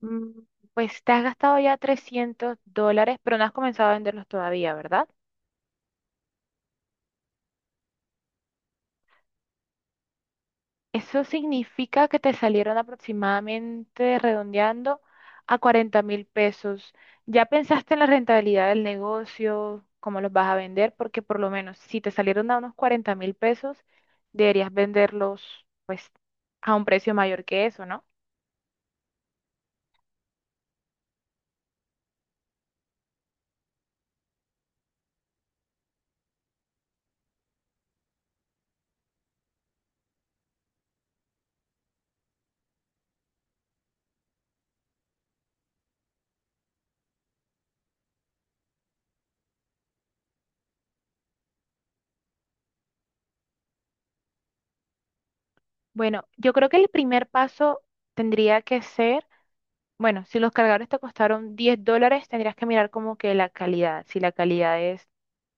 Mm, Pues te has gastado ya $300, pero no has comenzado a venderlos todavía, ¿verdad? Eso significa que te salieron aproximadamente, redondeando, a 40.000 pesos. ¿Ya pensaste en la rentabilidad del negocio, cómo los vas a vender? Porque por lo menos si te salieron a unos 40.000 pesos, deberías venderlos pues a un precio mayor que eso, ¿no? Bueno, yo creo que el primer paso tendría que ser. Bueno, si los cargadores te costaron $10, tendrías que mirar como que la calidad, si la calidad es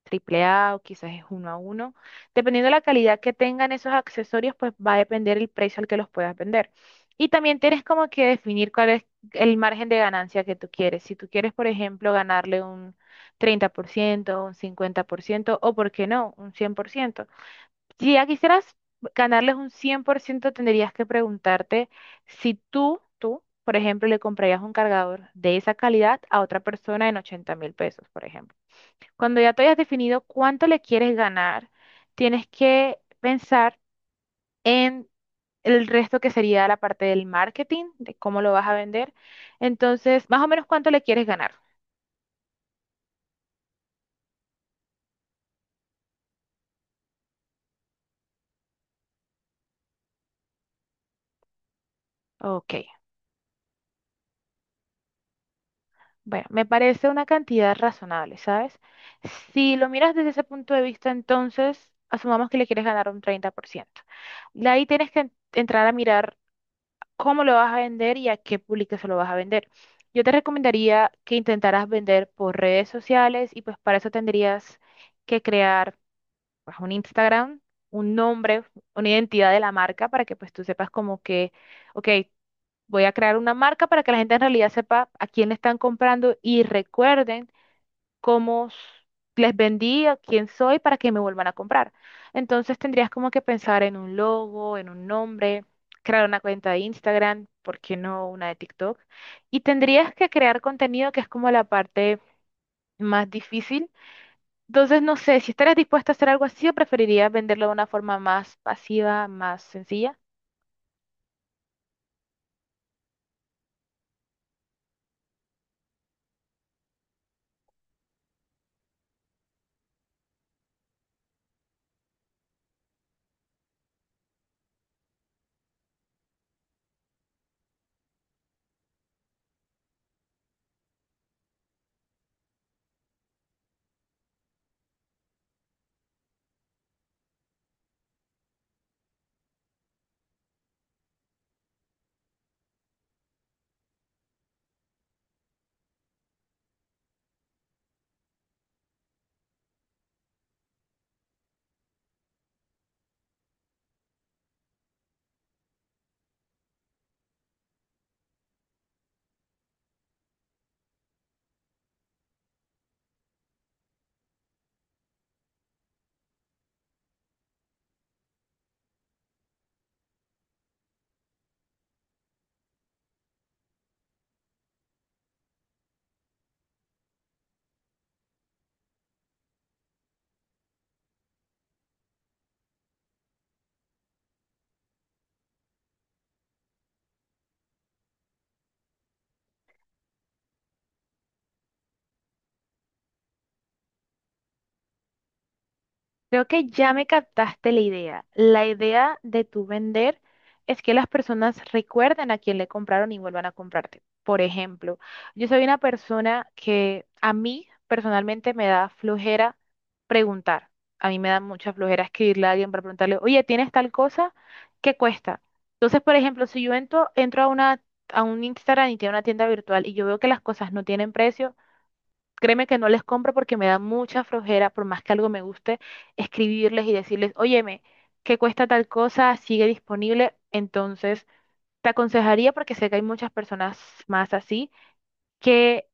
triple A o quizás es uno a uno. Dependiendo de la calidad que tengan esos accesorios, pues va a depender el precio al que los puedas vender. Y también tienes como que definir cuál es el margen de ganancia que tú quieres. Si tú quieres, por ejemplo, ganarle un 30%, un 50%, o, ¿por qué no?, un 100%. Si ya quisieras ganarles un 100%, tendrías que preguntarte si tú, por ejemplo, le comprarías un cargador de esa calidad a otra persona en 80.000 pesos, por ejemplo. Cuando ya te hayas definido cuánto le quieres ganar, tienes que pensar en el resto que sería la parte del marketing, de cómo lo vas a vender. Entonces, más o menos cuánto le quieres ganar. Ok. Bueno, me parece una cantidad razonable, ¿sabes? Si lo miras desde ese punto de vista, entonces asumamos que le quieres ganar un 30%. De ahí tienes que entrar a mirar cómo lo vas a vender y a qué público se lo vas a vender. Yo te recomendaría que intentaras vender por redes sociales y pues para eso tendrías que crear pues, un Instagram, un nombre, una identidad de la marca para que pues tú sepas como que, ok, voy a crear una marca para que la gente en realidad sepa a quién le están comprando y recuerden cómo les vendí, a quién soy, para que me vuelvan a comprar. Entonces tendrías como que pensar en un logo, en un nombre, crear una cuenta de Instagram, ¿por qué no una de TikTok? Y tendrías que crear contenido que es como la parte más difícil. Entonces, no sé, si estarías dispuesta a hacer algo así, o preferirías venderlo de una forma más pasiva, más sencilla. Creo que ya me captaste la idea. La idea de tu vender es que las personas recuerden a quién le compraron y vuelvan a comprarte. Por ejemplo, yo soy una persona que a mí personalmente me da flojera preguntar. A mí me da mucha flojera escribirle a alguien para preguntarle, oye, ¿tienes tal cosa? ¿Qué cuesta? Entonces, por ejemplo, si yo entro a una, a un Instagram y tiene una tienda virtual y yo veo que las cosas no tienen precio, créeme que no les compro porque me da mucha flojera, por más que algo me guste, escribirles y decirles, óyeme, ¿qué cuesta tal cosa? ¿Sigue disponible? Entonces, te aconsejaría, porque sé que hay muchas personas más así, que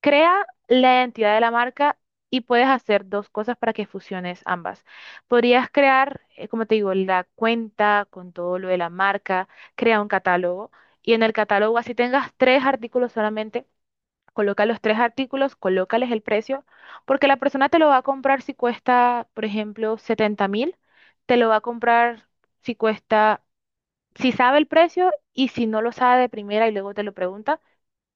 crea la identidad de la marca y puedes hacer dos cosas para que fusiones ambas. Podrías crear, como te digo, la cuenta con todo lo de la marca, crea un catálogo y en el catálogo así tengas tres artículos solamente. Coloca los tres artículos, colócales el precio, porque la persona te lo va a comprar si cuesta, por ejemplo, 70.000, te lo va a comprar si cuesta, si sabe el precio y si no lo sabe de primera y luego te lo pregunta,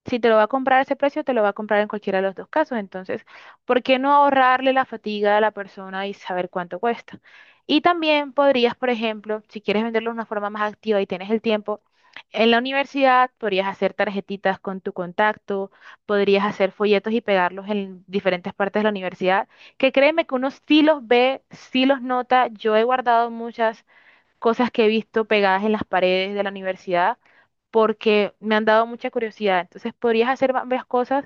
si te lo va a comprar a ese precio, te lo va a comprar en cualquiera de los dos casos. Entonces, ¿por qué no ahorrarle la fatiga a la persona y saber cuánto cuesta? Y también podrías, por ejemplo, si quieres venderlo de una forma más activa y tienes el tiempo, en la universidad podrías hacer tarjetitas con tu contacto, podrías hacer folletos y pegarlos en diferentes partes de la universidad, que créeme que uno sí los ve, sí los nota. Yo he guardado muchas cosas que he visto pegadas en las paredes de la universidad porque me han dado mucha curiosidad. Entonces podrías hacer varias cosas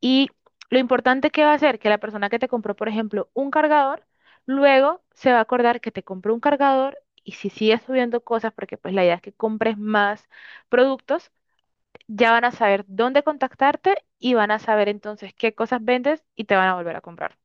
y lo importante que va a ser que la persona que te compró, por ejemplo, un cargador, luego se va a acordar que te compró un cargador y si sigues subiendo cosas, porque pues la idea es que compres más productos, ya van a saber dónde contactarte y van a saber entonces qué cosas vendes y te van a volver a comprar.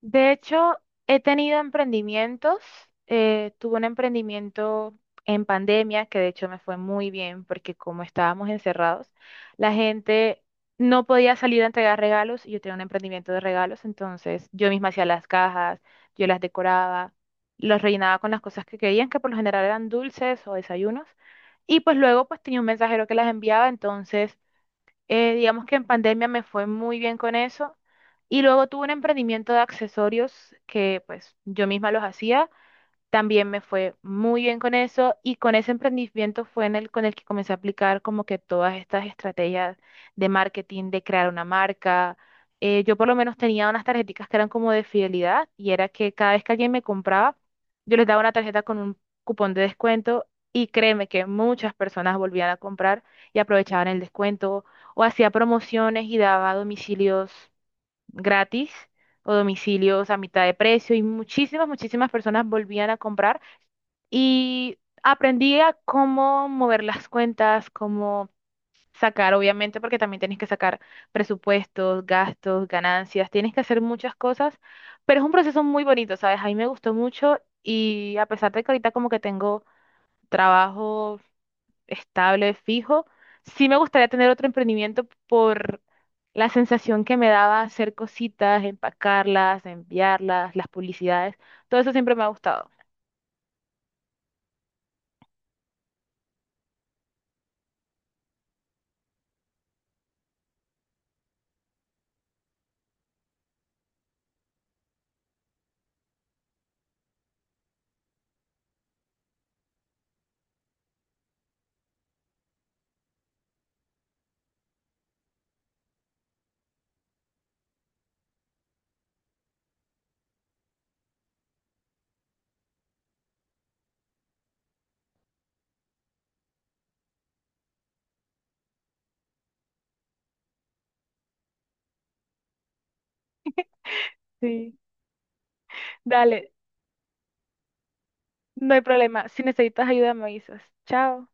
De hecho, he tenido emprendimientos. Tuve un emprendimiento en pandemia que de hecho me fue muy bien porque como estábamos encerrados, la gente no podía salir a entregar regalos y yo tenía un emprendimiento de regalos, entonces yo misma hacía las cajas, yo las decoraba, los rellenaba con las cosas que querían, que por lo general eran dulces o desayunos. Y pues luego pues tenía un mensajero que las enviaba, entonces digamos que en pandemia me fue muy bien con eso. Y luego tuve un emprendimiento de accesorios que pues yo misma los hacía. También me fue muy bien con eso y con ese emprendimiento fue en el con el que comencé a aplicar como que todas estas estrategias de marketing, de crear una marca. Yo por lo menos tenía unas tarjeticas que eran como de fidelidad y era que cada vez que alguien me compraba, yo les daba una tarjeta con un cupón de descuento y créeme que muchas personas volvían a comprar y aprovechaban el descuento o hacía promociones y daba domicilios gratis o domicilios a mitad de precio y muchísimas, muchísimas personas volvían a comprar y aprendí a cómo mover las cuentas, cómo sacar, obviamente, porque también tienes que sacar presupuestos, gastos, ganancias, tienes que hacer muchas cosas, pero es un proceso muy bonito, ¿sabes? A mí me gustó mucho y a pesar de que ahorita como que tengo trabajo estable, fijo. Sí me gustaría tener otro emprendimiento por la sensación que me daba hacer cositas, empacarlas, enviarlas, las publicidades. Todo eso siempre me ha gustado. Sí, dale, no hay problema. Si necesitas ayuda, me avisas. Chao.